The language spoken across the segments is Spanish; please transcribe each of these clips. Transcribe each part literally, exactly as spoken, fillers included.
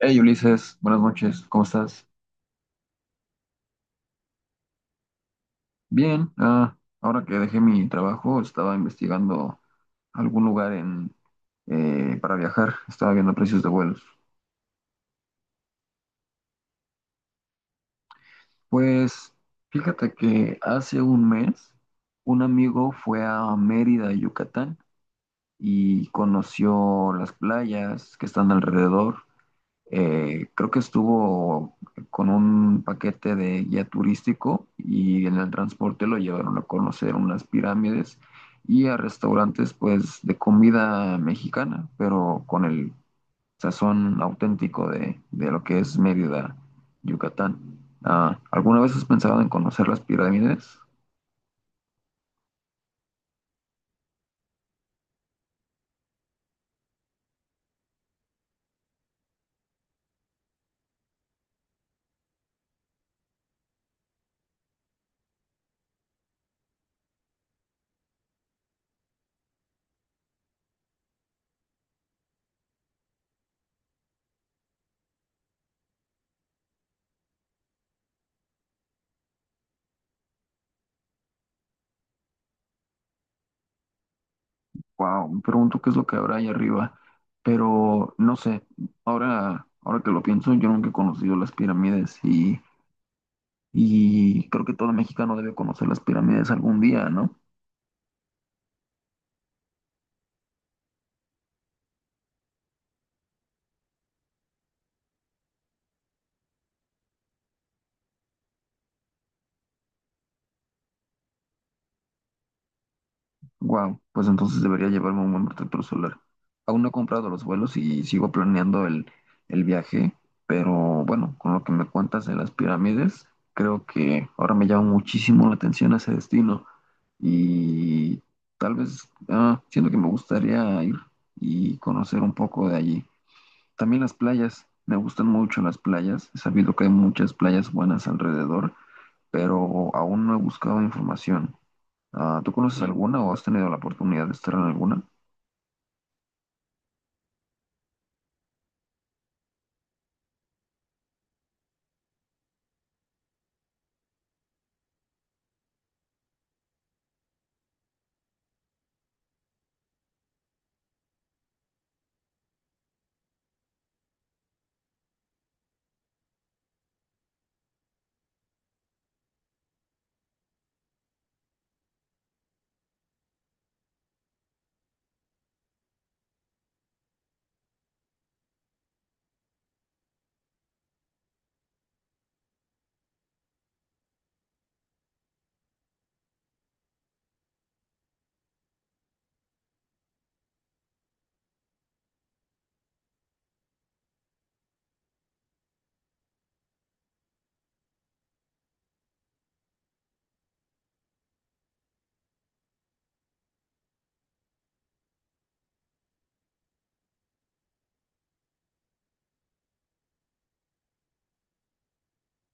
Hey Ulises, buenas noches, ¿cómo estás? Bien, ah, ahora que dejé mi trabajo, estaba investigando algún lugar en, eh, para viajar, estaba viendo precios de vuelos. Pues fíjate que hace un mes un amigo fue a Mérida, Yucatán, y conoció las playas que están alrededor. Eh, creo que estuvo con un paquete de guía turístico y en el transporte lo llevaron a conocer unas pirámides y a restaurantes, pues de comida mexicana, pero con el sazón auténtico de, de lo que es Mérida, Yucatán. Ah, ¿alguna vez has pensado en conocer las pirámides? Wow, me pregunto qué es lo que habrá ahí arriba, pero no sé, ahora, ahora que lo pienso, yo nunca he conocido las pirámides. y Y creo que todo mexicano debe conocer las pirámides algún día, ¿no? Wow, pues entonces debería llevarme un buen protector solar. Aún no he comprado los vuelos y sigo planeando el, el viaje, pero bueno, con lo que me cuentas de las pirámides, creo que ahora me llama muchísimo la atención ese destino y tal vez ah, siento que me gustaría ir y conocer un poco de allí. También las playas, me gustan mucho las playas, he sabido que hay muchas playas buenas alrededor, pero aún no he buscado información. Ah, ¿tú conoces alguna o has tenido la oportunidad de estar en alguna?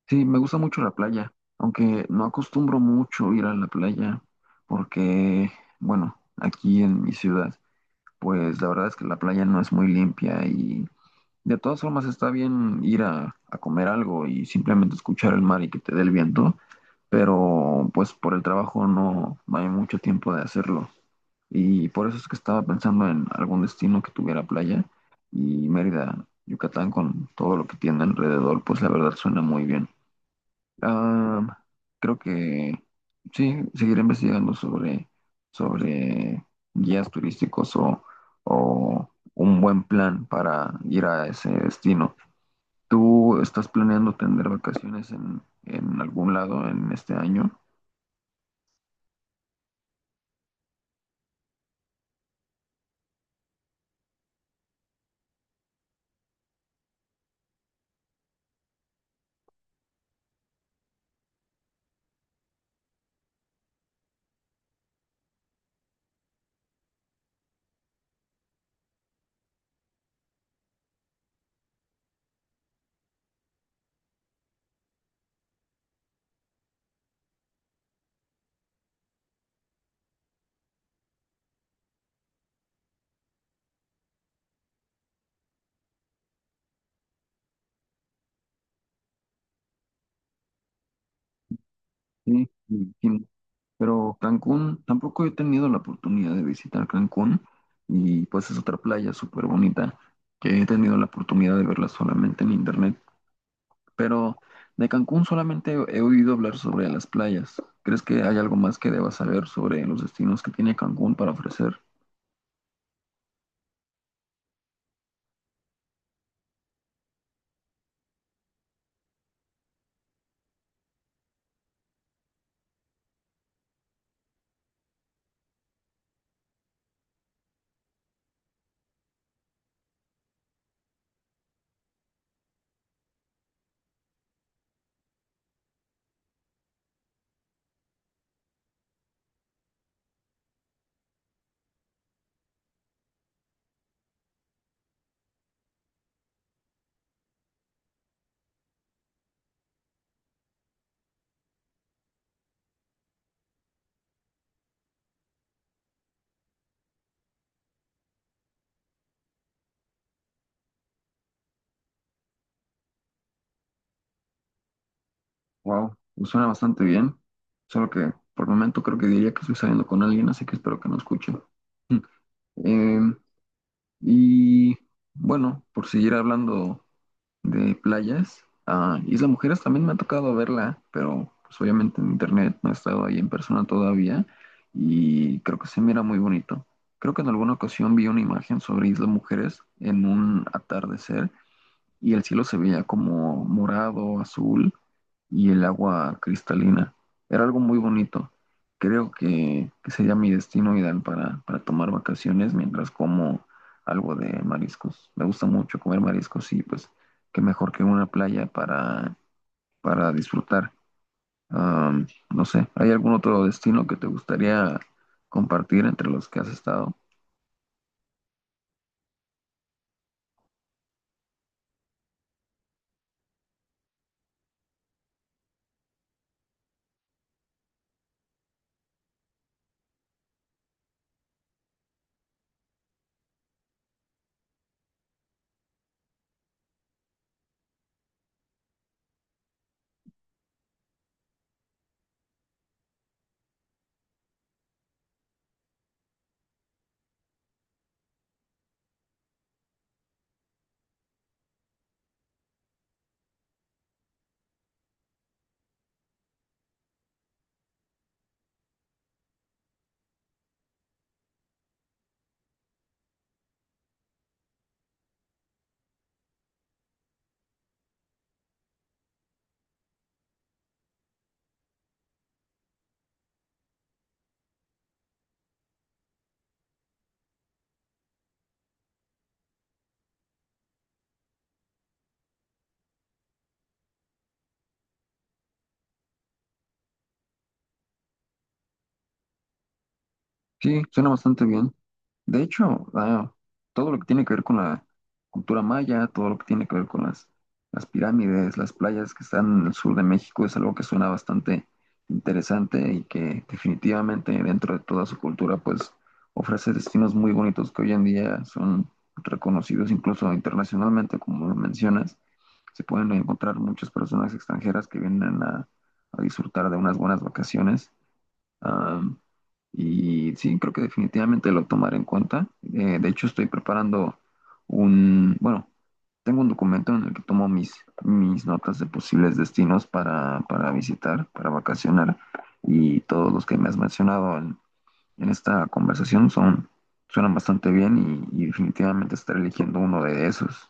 Sí, me gusta mucho la playa, aunque no acostumbro mucho ir a la playa porque, bueno, aquí en mi ciudad, pues la verdad es que la playa no es muy limpia, y de todas formas está bien ir a, a comer algo y simplemente escuchar el mar y que te dé el viento, pero pues por el trabajo no no hay mucho tiempo de hacerlo. Y por eso es que estaba pensando en algún destino que tuviera playa, y Mérida, Yucatán, con todo lo que tiene alrededor, pues la verdad suena muy bien. Ah, Creo que sí, seguiré investigando sobre, sobre guías turísticos o, o un buen plan para ir a ese destino. ¿Tú estás planeando tener vacaciones en, en algún lado en este año? Sí, sí. Pero Cancún, tampoco he tenido la oportunidad de visitar Cancún, y pues es otra playa súper bonita que he tenido la oportunidad de verla solamente en internet. Pero de Cancún solamente he oído hablar sobre las playas. ¿Crees que hay algo más que deba saber sobre los destinos que tiene Cancún para ofrecer? Wow, me suena bastante bien. Solo que por el momento creo que diría que estoy saliendo con alguien, así que espero que no escuche. Em, y bueno, por seguir hablando de playas. Ah, Isla Mujeres también me ha tocado verla, pero pues obviamente en internet, no he estado ahí en persona todavía, y creo que se mira muy bonito. Creo que en alguna ocasión vi una imagen sobre Isla Mujeres en un atardecer, y el cielo se veía como morado, azul, y el agua cristalina. Era algo muy bonito. Creo que, que sería mi destino ideal para, para tomar vacaciones mientras como algo de mariscos. Me gusta mucho comer mariscos, y pues qué mejor que una playa para, para disfrutar. Am, no sé, ¿hay algún otro destino que te gustaría compartir entre los que has estado? Sí, suena bastante bien. De hecho, ah, todo lo que tiene que ver con la cultura maya, todo lo que tiene que ver con las, las pirámides, las playas que están en el sur de México, es algo que suena bastante interesante, y que definitivamente dentro de toda su cultura pues ofrece destinos muy bonitos que hoy en día son reconocidos incluso internacionalmente, como lo mencionas. Se pueden encontrar muchas personas extranjeras que vienen a, a disfrutar de unas buenas vacaciones. Am, y sí, creo que definitivamente lo tomaré en cuenta. Eh, de hecho, estoy preparando un, bueno, tengo un documento en el que tomo mis, mis notas de posibles destinos para, para visitar, para vacacionar. Y todos los que me has mencionado en, en esta conversación son, suenan bastante bien, y, y definitivamente estaré eligiendo uno de esos.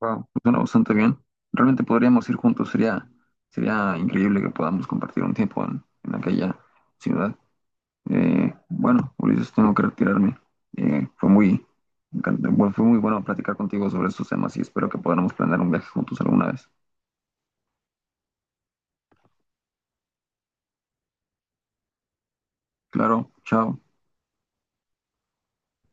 Wow, suena bastante bien. Realmente podríamos ir juntos, sería, sería increíble que podamos compartir un tiempo en en aquella ciudad. Eh, bueno, Ulises, tengo que retirarme. Eh, fue muy, encan- bueno, fue muy bueno platicar contigo sobre estos temas, y espero que podamos planear un viaje juntos alguna vez. Claro, chao.